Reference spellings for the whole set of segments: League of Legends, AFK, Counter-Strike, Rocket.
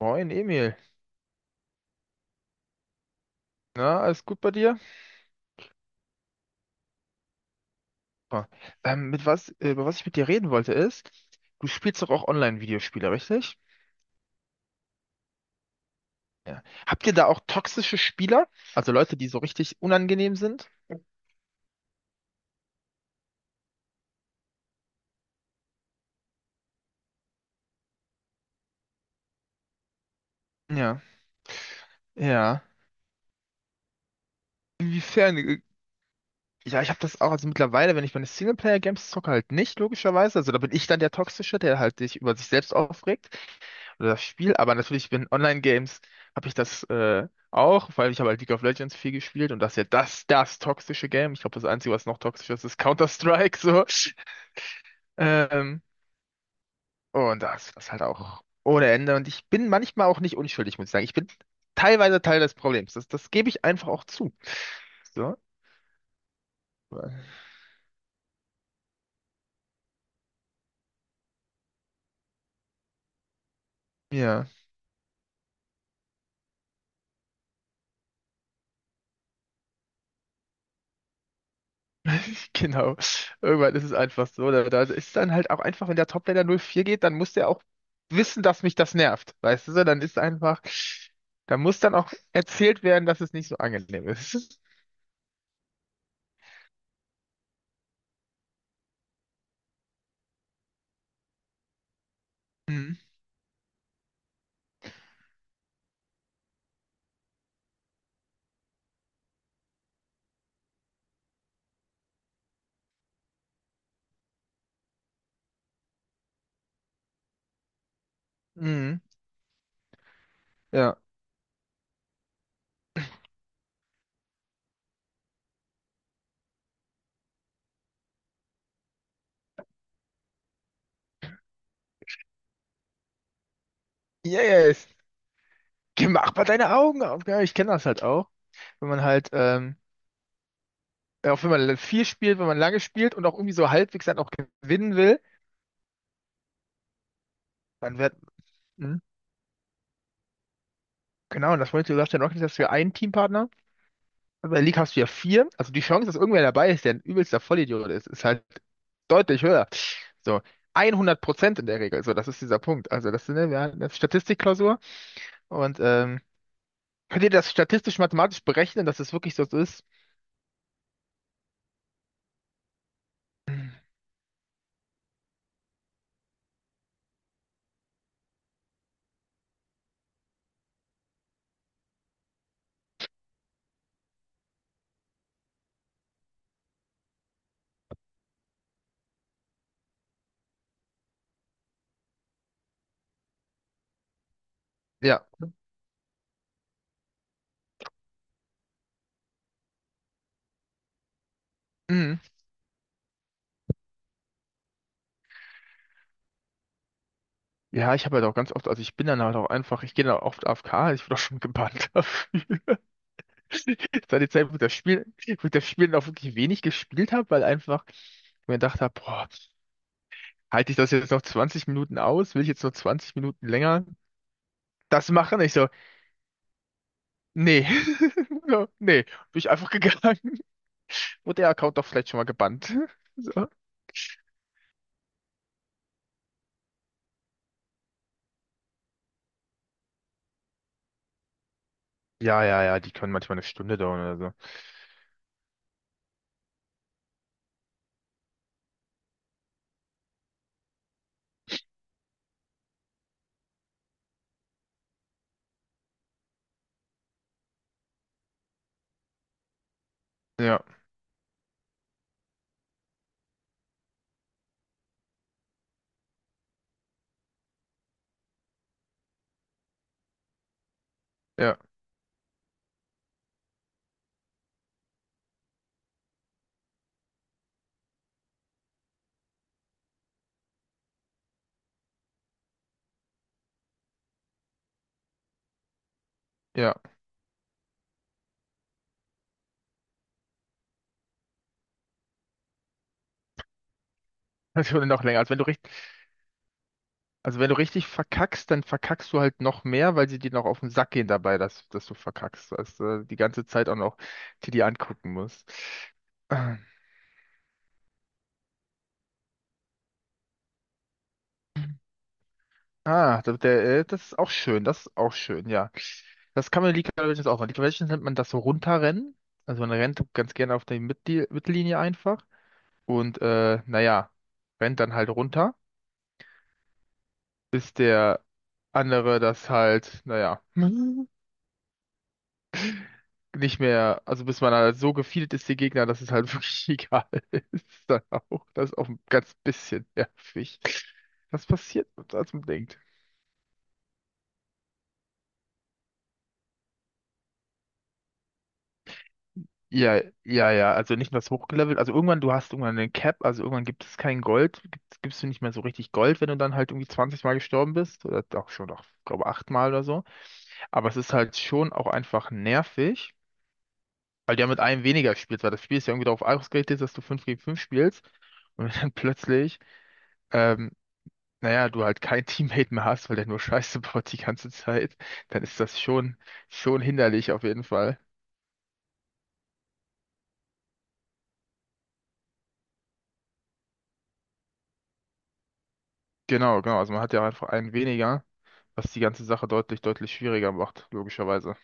Moin Emil, na, alles gut bei dir? Super. Über was ich mit dir reden wollte ist, du spielst doch auch Online-Videospiele, richtig? Ja. Habt ihr da auch toxische Spieler? Also Leute, die so richtig unangenehm sind? Ja. Ja. Inwiefern? Ja, ich habe das auch, also mittlerweile, wenn ich meine Singleplayer-Games zocke, halt nicht, logischerweise. Also da bin ich dann der Toxische, der halt sich über sich selbst aufregt oder das Spiel. Aber natürlich bin Online-Games, habe ich das auch, weil ich habe halt League of Legends viel gespielt und das ist ja das toxische Game. Ich glaube, das Einzige, was noch toxischer ist, ist Counter-Strike, so. Ähm, und das ist halt auch ohne Ende. Und ich bin manchmal auch nicht unschuldig, muss ich sagen. Ich bin teilweise Teil des Problems. Das gebe ich einfach auch zu. So. Ja. Genau. Irgendwann ist es einfach so. Da ist dann halt auch einfach, wenn der Toplaner 0-4 geht, dann muss der auch wissen, dass mich das nervt. Weißt du, so, dann ist einfach, da muss dann auch erzählt werden, dass es nicht so angenehm ist. Mhm. Mhm. Ja. Yes. Mach mal deine Augen auf. Ja, ich kenne das halt auch. Wenn man halt, ja, auch wenn man viel spielt, wenn man lange spielt und auch irgendwie so halbwegs dann auch gewinnen will, dann wird, mhm. Genau, und das wollte Last in Rocket, dass wir einen Teampartner. Aber in der League hast du ja vier. Also die Chance, dass irgendwer dabei ist, der ein übelster Vollidiot ist, ist halt deutlich höher. So, 100% in der Regel. So, das ist dieser Punkt. Also das, ist, ne, wir hatten eine Statistikklausur. Und könnt ihr das statistisch-mathematisch berechnen, dass es wirklich so ist? Ja. Mhm. Ja, ich habe halt auch ganz oft, also ich bin dann halt auch einfach, ich gehe dann oft AFK. Ich wurde auch schon gebannt dafür. Das war die Zeit, wo ich das Spiel, wo ich das Spiel dann auch wirklich wenig gespielt habe, weil einfach ich mir gedacht habe, boah, halte ich das jetzt noch 20 Minuten aus? Will ich jetzt noch 20 Minuten länger das machen? Ich so, nee, so, nee, bin ich einfach gegangen. Wurde der Account doch vielleicht schon mal gebannt. So. Ja, ja, ja, die können manchmal eine Stunde dauern oder so. Ja, ja, ja. Das würde noch länger. Also wenn du richtig verkackst, dann verkackst du halt noch mehr, weil sie dir noch auf den Sack gehen dabei, dass du verkackst, dass du die ganze Zeit auch noch dir die angucken musst. Ah. Ah, das ist auch schön, das ist auch schön, ja. Das kann man in League of Legends auch machen. League of Legends nennt man das so runterrennen. Also man rennt ganz gerne auf die Mittellinie einfach und naja, rennt dann halt runter, bis der andere das halt, naja, nicht mehr, also bis man halt so gefeedet ist, die Gegner, dass es halt wirklich egal ist. Dann auch, das ist auch ein ganz bisschen nervig. Das passiert, als man denkt. Ja, ja, ja, also nicht mehr so hochgelevelt. Also irgendwann, du hast irgendwann einen Cap, also irgendwann gibt es kein Gold, gibst du nicht mehr so richtig Gold, wenn du dann halt irgendwie 20 Mal gestorben bist. Oder auch schon, auch, glaube acht Mal oder so. Aber es ist halt schon auch einfach nervig, weil du ja mit einem weniger spielst, weil das Spiel ist ja irgendwie darauf ausgerichtet, dass du 5 gegen 5 spielst. Und wenn dann plötzlich, ähm, naja, du halt kein Teammate mehr hast, weil der nur Scheiße baut die ganze Zeit, dann ist das schon hinderlich auf jeden Fall. Genau, genau. Also man hat ja einfach einen weniger, was die ganze Sache deutlich, deutlich schwieriger macht, logischerweise.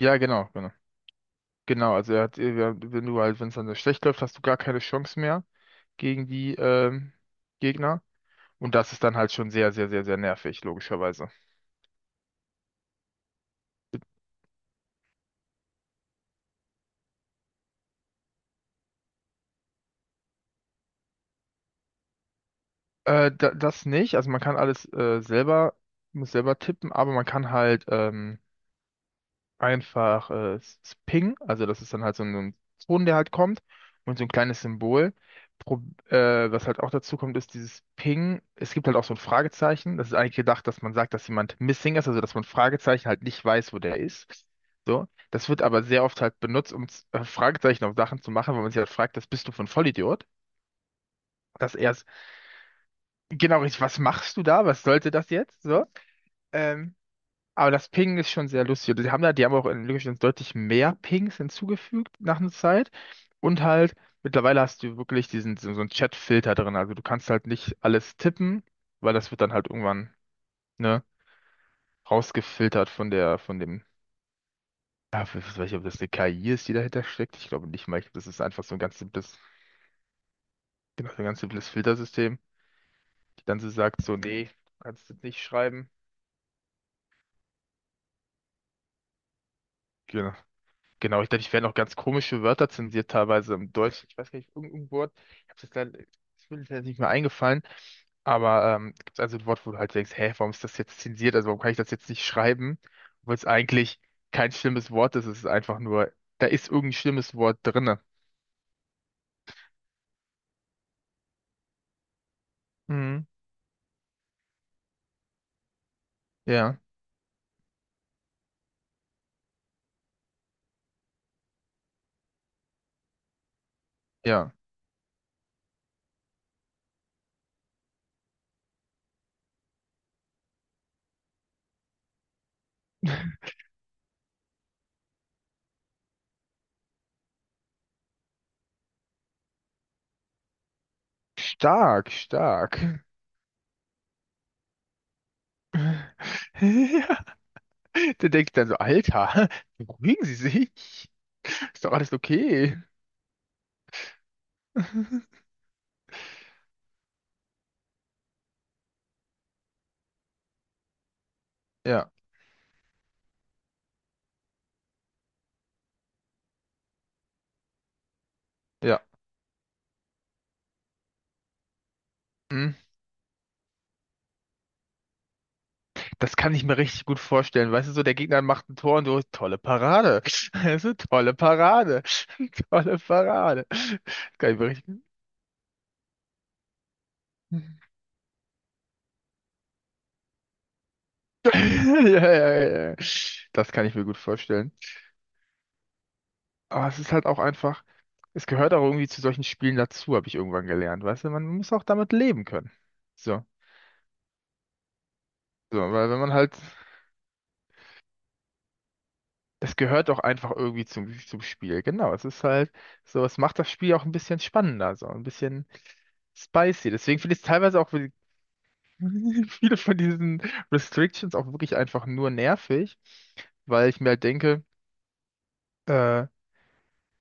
Ja, genau, genau. Genau, also er hat, wenn du halt, wenn es dann schlecht läuft, hast du gar keine Chance mehr gegen die Gegner. Und das ist dann halt schon sehr, sehr, sehr, sehr nervig, logischerweise. Da, das nicht. Also man kann alles selber, muss selber tippen, aber man kann halt einfach Ping, also das ist dann halt so ein Ton, der halt kommt und so ein kleines Symbol. Pro, Was halt auch dazu kommt, ist dieses Ping. Es gibt halt auch so ein Fragezeichen. Das ist eigentlich gedacht, dass man sagt, dass jemand missing ist, also dass man Fragezeichen halt nicht weiß, wo der ist. So, das wird aber sehr oft halt benutzt, um Fragezeichen auf Sachen zu machen, weil man sich halt fragt, das bist du von Vollidiot? Das erst, genau richtig, was machst du da? Was sollte das jetzt? So, ähm, aber das Ping ist schon sehr lustig. Die haben auch in League of Legends deutlich mehr Pings hinzugefügt nach einer Zeit. Und halt, mittlerweile hast du wirklich diesen, so so einen Chat-Filter drin. Also du kannst halt nicht alles tippen, weil das wird dann halt irgendwann, ne, rausgefiltert von der, ja, ich weiß nicht, ob das eine KI ist, die dahinter steckt. Ich glaube nicht mal. Ich glaub, das ist einfach so ein ganz simples, genau, so ein ganz simples Filtersystem, die dann so sagt, so, nee, kannst du nicht schreiben. Genau. Genau, ich glaube, ich werde auch ganz komische Wörter zensiert, teilweise im Deutschen. Ich weiß gar nicht, irgendein Wort. Ich habe das leider, das will jetzt nicht mehr eingefallen. Aber gibt also ein Wort, wo du halt denkst, hä, warum ist das jetzt zensiert? Also warum kann ich das jetzt nicht schreiben? Obwohl es eigentlich kein schlimmes Wort ist. Es ist einfach nur, da ist irgendein schlimmes Wort drinne. Mhm. Ja, ja. Stark, stark. Ja. Da denkt dann so, Alter, beruhigen Sie sich. Ist doch alles okay. Ja, ja. Das kann ich mir richtig gut vorstellen. Weißt du, so der Gegner macht ein Tor und du, tolle Parade. Also, tolle Parade. Tolle Parade. Das kann ich mir richtig. Ja, ja, ja, ja. Das kann ich mir gut vorstellen. Aber es ist halt auch einfach, es gehört auch irgendwie zu solchen Spielen dazu, habe ich irgendwann gelernt. Weißt du, man muss auch damit leben können. So, so, weil wenn man halt, das gehört doch einfach irgendwie zum Spiel. Genau, es ist halt so, es macht das Spiel auch ein bisschen spannender, so ein bisschen spicy. Deswegen finde ich es teilweise auch viele von diesen Restrictions auch wirklich einfach nur nervig, weil ich mir halt denke, äh,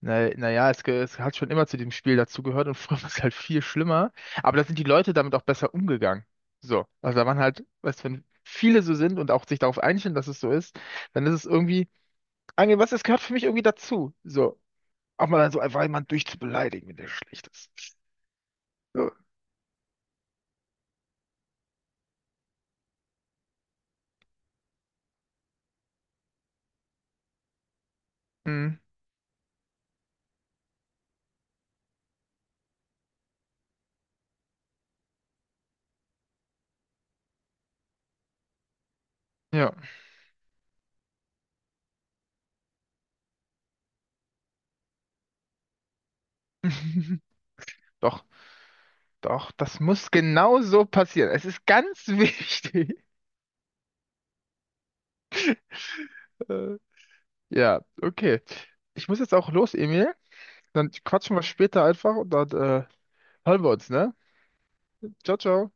naja, es hat schon immer zu dem Spiel dazugehört und früher war es halt viel schlimmer, aber da sind die Leute damit auch besser umgegangen. So, also da waren halt, weißt du, wenn viele so sind und auch sich darauf einstellen, dass es so ist, dann ist es irgendwie, Angel, was, es gehört für mich irgendwie dazu. So, auch mal so einfach jemanden durchzubeleidigen, wenn der schlecht ist. So, mm, ja. Doch. Doch, das muss genau so passieren. Es ist ganz wichtig. Äh, Ja, okay. Ich muss jetzt auch los, Emil. Dann quatschen wir später einfach und dann hören wir uns, ne? Ciao, ciao.